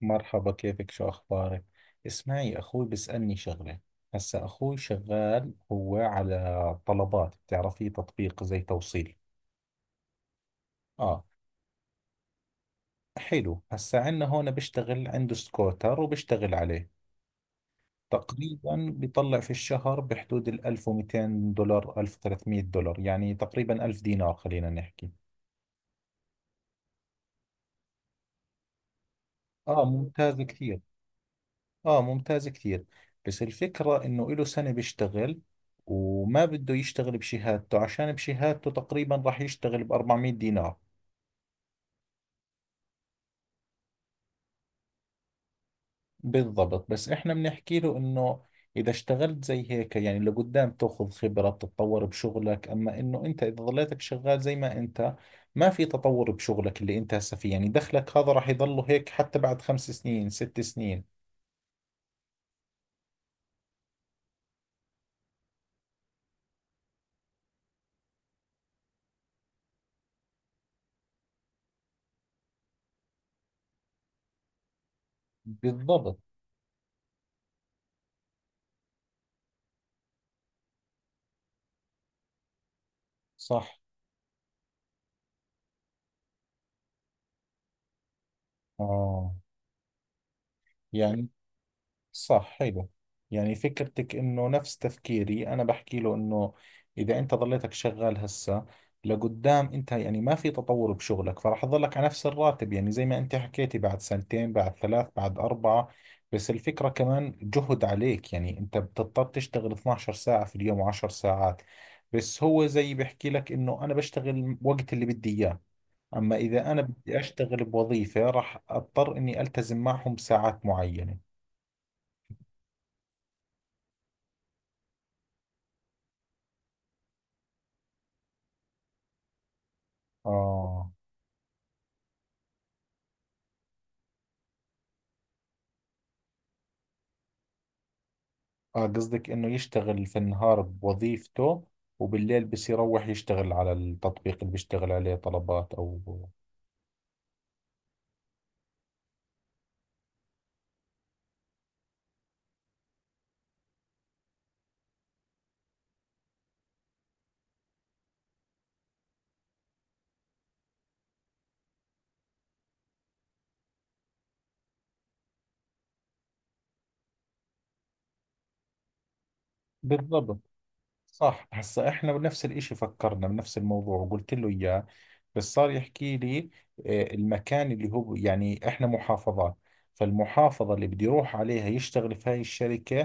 مرحبا، كيفك؟ شو أخبارك؟ اسمعي، أخوي بيسألني شغلة. هسا أخوي شغال هو على طلبات، بتعرفيه، تطبيق زي توصيل. آه، حلو. هسا عندنا هون بيشتغل، عنده سكوتر وبيشتغل عليه. تقريبا بيطلع في الشهر بحدود ال 1200 دولار، 1300 دولار، يعني تقريبا 1000 دينار خلينا نحكي. آه ممتاز كثير. اه ممتاز كثير. بس الفكرة انه له سنة بيشتغل وما بده يشتغل بشهادته، عشان بشهادته تقريبا راح يشتغل ب 400 دينار. بالضبط، بس احنا بنحكي له انه اذا اشتغلت زي هيك يعني لقدام تاخذ خبرة، بتتطور بشغلك. اما انه انت اذا ظليتك شغال زي ما انت، ما في تطور بشغلك اللي انت هسه فيه، يعني دخلك هذا راح يضله هيك حتى بعد خمس سنين، ست سنين. بالضبط. صح. اه. يعني. صح، حلو. يعني فكرتك انه نفس تفكيري، انا بحكي له انه اذا انت ضليتك شغال هسه، لقدام انت يعني ما في تطور بشغلك، فراح تضلك على نفس الراتب، يعني زي ما انت حكيتي، بعد سنتين، بعد ثلاث، بعد اربعة. بس الفكرة كمان جهد عليك، يعني انت بتضطر تشتغل 12 ساعة في اليوم و10 ساعات. بس هو زي بحكي لك انه انا بشتغل وقت اللي بدي اياه، اما اذا انا بدي اشتغل بوظيفة راح اضطر اني التزم معهم بساعات معينة. اه اه قصدك انه يشتغل في النهار بوظيفته وبالليل بس يروح يشتغل على التطبيق اللي بيشتغل عليه طلبات او بالضبط صح هسا احنا بنفس الاشي فكرنا بنفس الموضوع وقلت له اياه بس صار يحكي لي آه، المكان اللي هو يعني احنا محافظات فالمحافظة اللي بده يروح عليها يشتغل في هاي الشركة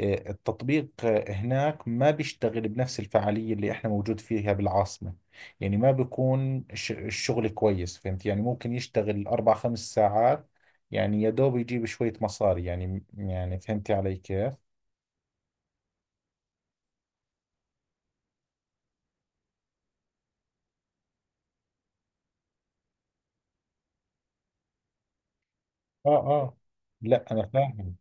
آه، التطبيق آه، هناك ما بيشتغل بنفس الفعالية اللي احنا موجود فيها بالعاصمة يعني ما بيكون ش- الشغل كويس فهمت يعني ممكن يشتغل اربع خمس ساعات يعني يا دوب يجيب شوية مصاري يعني يعني فهمتي علي كيف؟ اه اه. لا انا فاهم.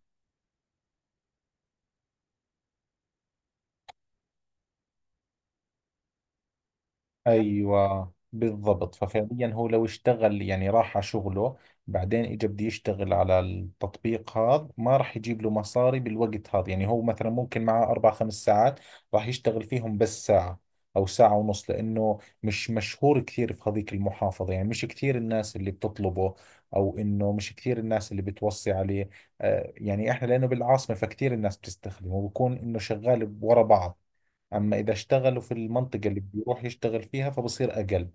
ايوه بالضبط. ففعليا هو لو اشتغل يعني راح على شغله، بعدين اجى بده يشتغل على التطبيق هذا، ما راح يجيب له مصاري بالوقت هذا. يعني هو مثلا ممكن معه اربع خمس ساعات راح يشتغل فيهم بس ساعة او ساعة ونص، لانه مش مشهور كثير في هذيك المحافظة. يعني مش كثير الناس اللي بتطلبه، او انه مش كثير الناس اللي بتوصي عليه. آه، يعني احنا لانه بالعاصمة فكثير الناس بتستخدمه، وبكون انه شغال ورا بعض. أما إذا اشتغلوا في المنطقة اللي بده يروح يشتغل فيها فبصير أقل.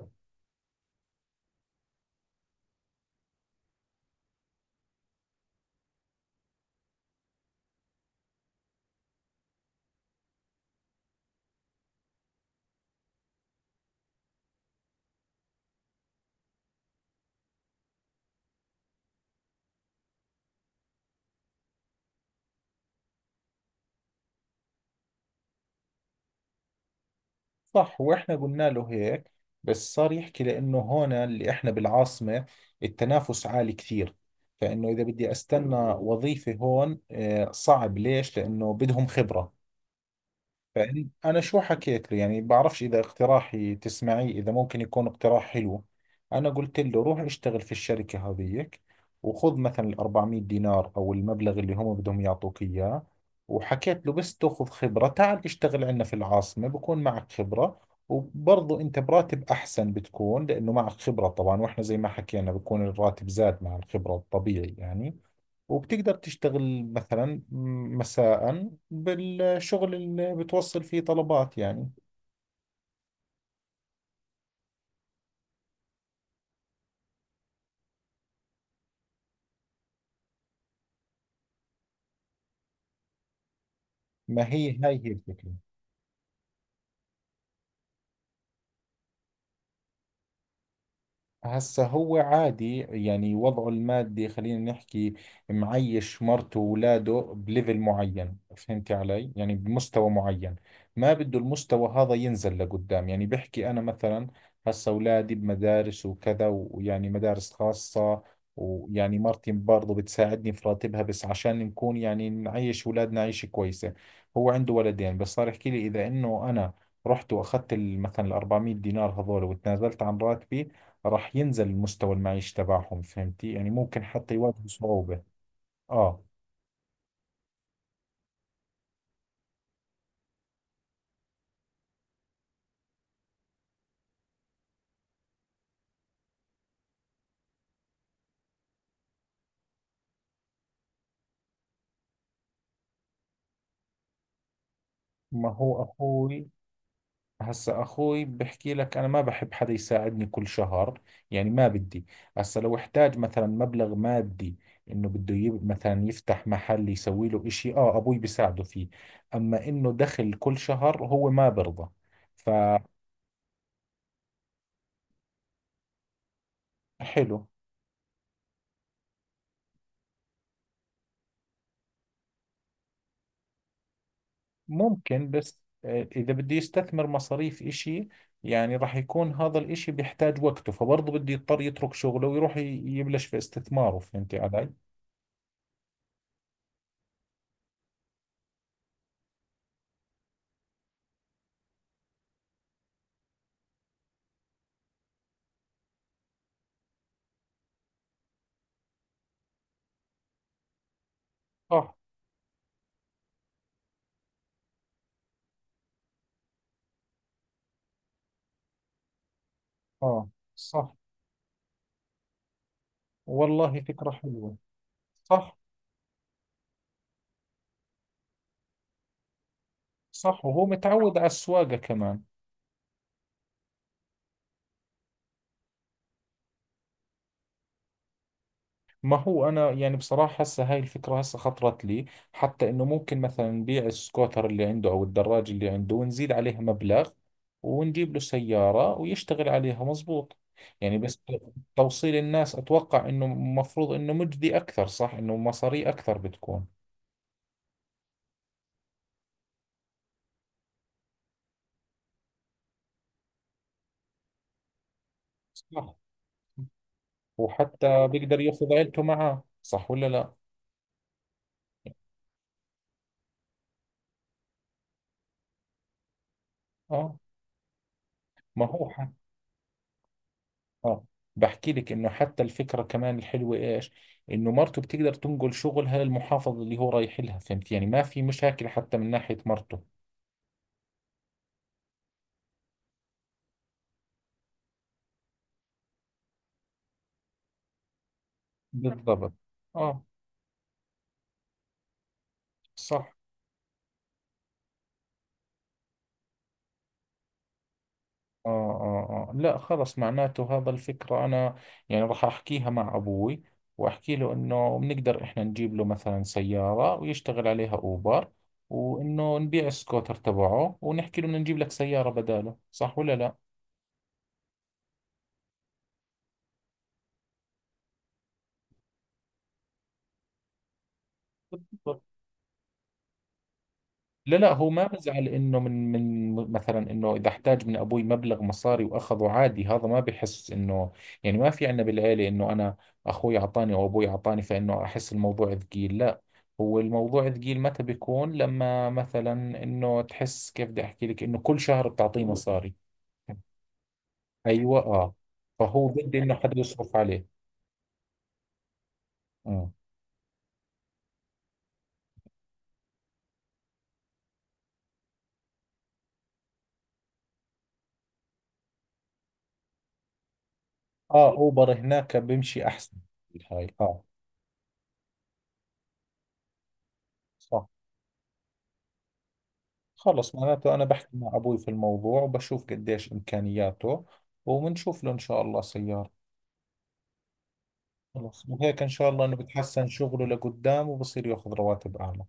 صح. وإحنا قلنا له هيك، بس صار يحكي لأنه هون اللي إحنا بالعاصمة التنافس عالي كثير، فإنه إذا بدي أستنى وظيفة هون آه، صعب. ليش؟ لأنه بدهم خبرة. أنا شو حكيت له، يعني بعرفش إذا اقتراحي تسمعيه، إذا ممكن يكون اقتراح حلو. أنا قلت له روح اشتغل في الشركة هذيك وخذ مثلا ال 400 دينار أو المبلغ اللي هم بدهم يعطوك إياه، وحكيت له بس تأخذ خبرة تعال اشتغل عندنا في العاصمة، بكون معك خبرة. وبرضه أنت براتب أحسن بتكون، لأنه معك خبرة طبعا، وإحنا زي ما حكينا بكون الراتب زاد مع الخبرة الطبيعي يعني. وبتقدر تشتغل مثلا مساء بالشغل اللي بتوصل فيه طلبات يعني. ما هي هاي هي الفكرة. هسا هو عادي يعني وضعه المادي خلينا نحكي، معيش مرته وولاده بليفل معين، فهمتي علي، يعني بمستوى معين، ما بده المستوى هذا ينزل لقدام. يعني بحكي أنا مثلا هسا أولادي بمدارس وكذا، ويعني مدارس خاصة، ويعني مرتي برضه بتساعدني في راتبها، بس عشان نكون يعني نعيش أولادنا عيشة كويسة. هو عنده ولدين، بس صار يحكي لي إذا إنه أنا رحت وأخذت مثلا ال 400 دينار هذول وتنازلت عن راتبي، راح ينزل المستوى المعيشي تبعهم، فهمتي يعني، ممكن حتى يواجهوا صعوبة. اه. ما هو اخوي، هسا اخوي بحكي لك انا ما بحب حدا يساعدني كل شهر، يعني ما بدي. هسا لو احتاج مثلا مبلغ مادي، انه بده مثلا يفتح محل، يسوي له اشي، اه ابوي بيساعده فيه. اما انه دخل كل شهر هو ما برضى. فحلو. ممكن، بس آه، إذا بدي يستثمر مصاريف إشي، يعني راح يكون هذا الإشي بيحتاج وقته، فبرضه بده يضطر يترك شغله ويروح يبلش في استثماره، فهمتي علي؟ صح. آه. صح. والله فكرة حلوة. صح. صح، وهو متعود على السواقة كمان. ما هو أنا يعني بصراحة هسه هاي الفكرة هسه خطرت لي، حتى إنه ممكن مثلا نبيع السكوتر اللي عنده أو الدراج اللي عنده ونزيد عليها مبلغ ونجيب له سيارة ويشتغل عليها مزبوط. يعني بس توصيل الناس أتوقع إنه مفروض إنه مجدي أكثر، صح، إنه مصاري أكثر بتكون. صح. وحتى بيقدر ياخذ عيلته معاه، صح ولا لا؟ آه. ما هو ح- اه، بحكي لك انه حتى الفكره كمان الحلوه ايش، انه مرته بتقدر تنقل شغلها للمحافظه اللي هو رايح لها، فهمت يعني ما في مشاكل حتى من ناحيه مرته. بالضبط. اه. صح. آه, آه, آه، لا خلص، معناته هذا الفكرة، أنا يعني راح أحكيها مع أبوي، وأحكي له إنه بنقدر إحنا نجيب له مثلا سيارة ويشتغل عليها أوبر، وإنه نبيع السكوتر تبعه ونحكي له بدنا نجيب لك سيارة بداله، صح ولا لا؟ لا لا، هو ما بزعل انه من مثلا انه اذا احتاج من ابوي مبلغ مصاري واخذه عادي، هذا ما بحس انه، يعني ما في عندنا بالعيله انه انا اخوي اعطاني او ابوي اعطاني، فانه احس الموضوع ثقيل، لا. هو الموضوع ثقيل متى بيكون؟ لما مثلا انه، تحس كيف بدي احكي لك، انه كل شهر بتعطيه مصاري. ايوه، اه. فهو بده انه حدا يصرف عليه. امم. اه، اوبر هناك بيمشي احسن. هاي اه. صح. خلص، معناته أنا بحكي مع أبوي في الموضوع، وبشوف قديش إمكانياته، وبنشوف له إن شاء الله سيارة. خلص، وهيك إن شاء الله إنه بتحسن شغله لقدام وبصير ياخذ رواتب أعلى إن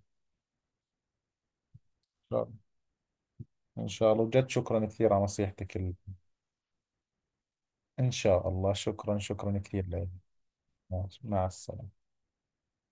شاء الله. إن شاء الله وجد، شكرا كثير على نصيحتك إن شاء الله. شكرا، شكرا كثير لك. مع السلامة.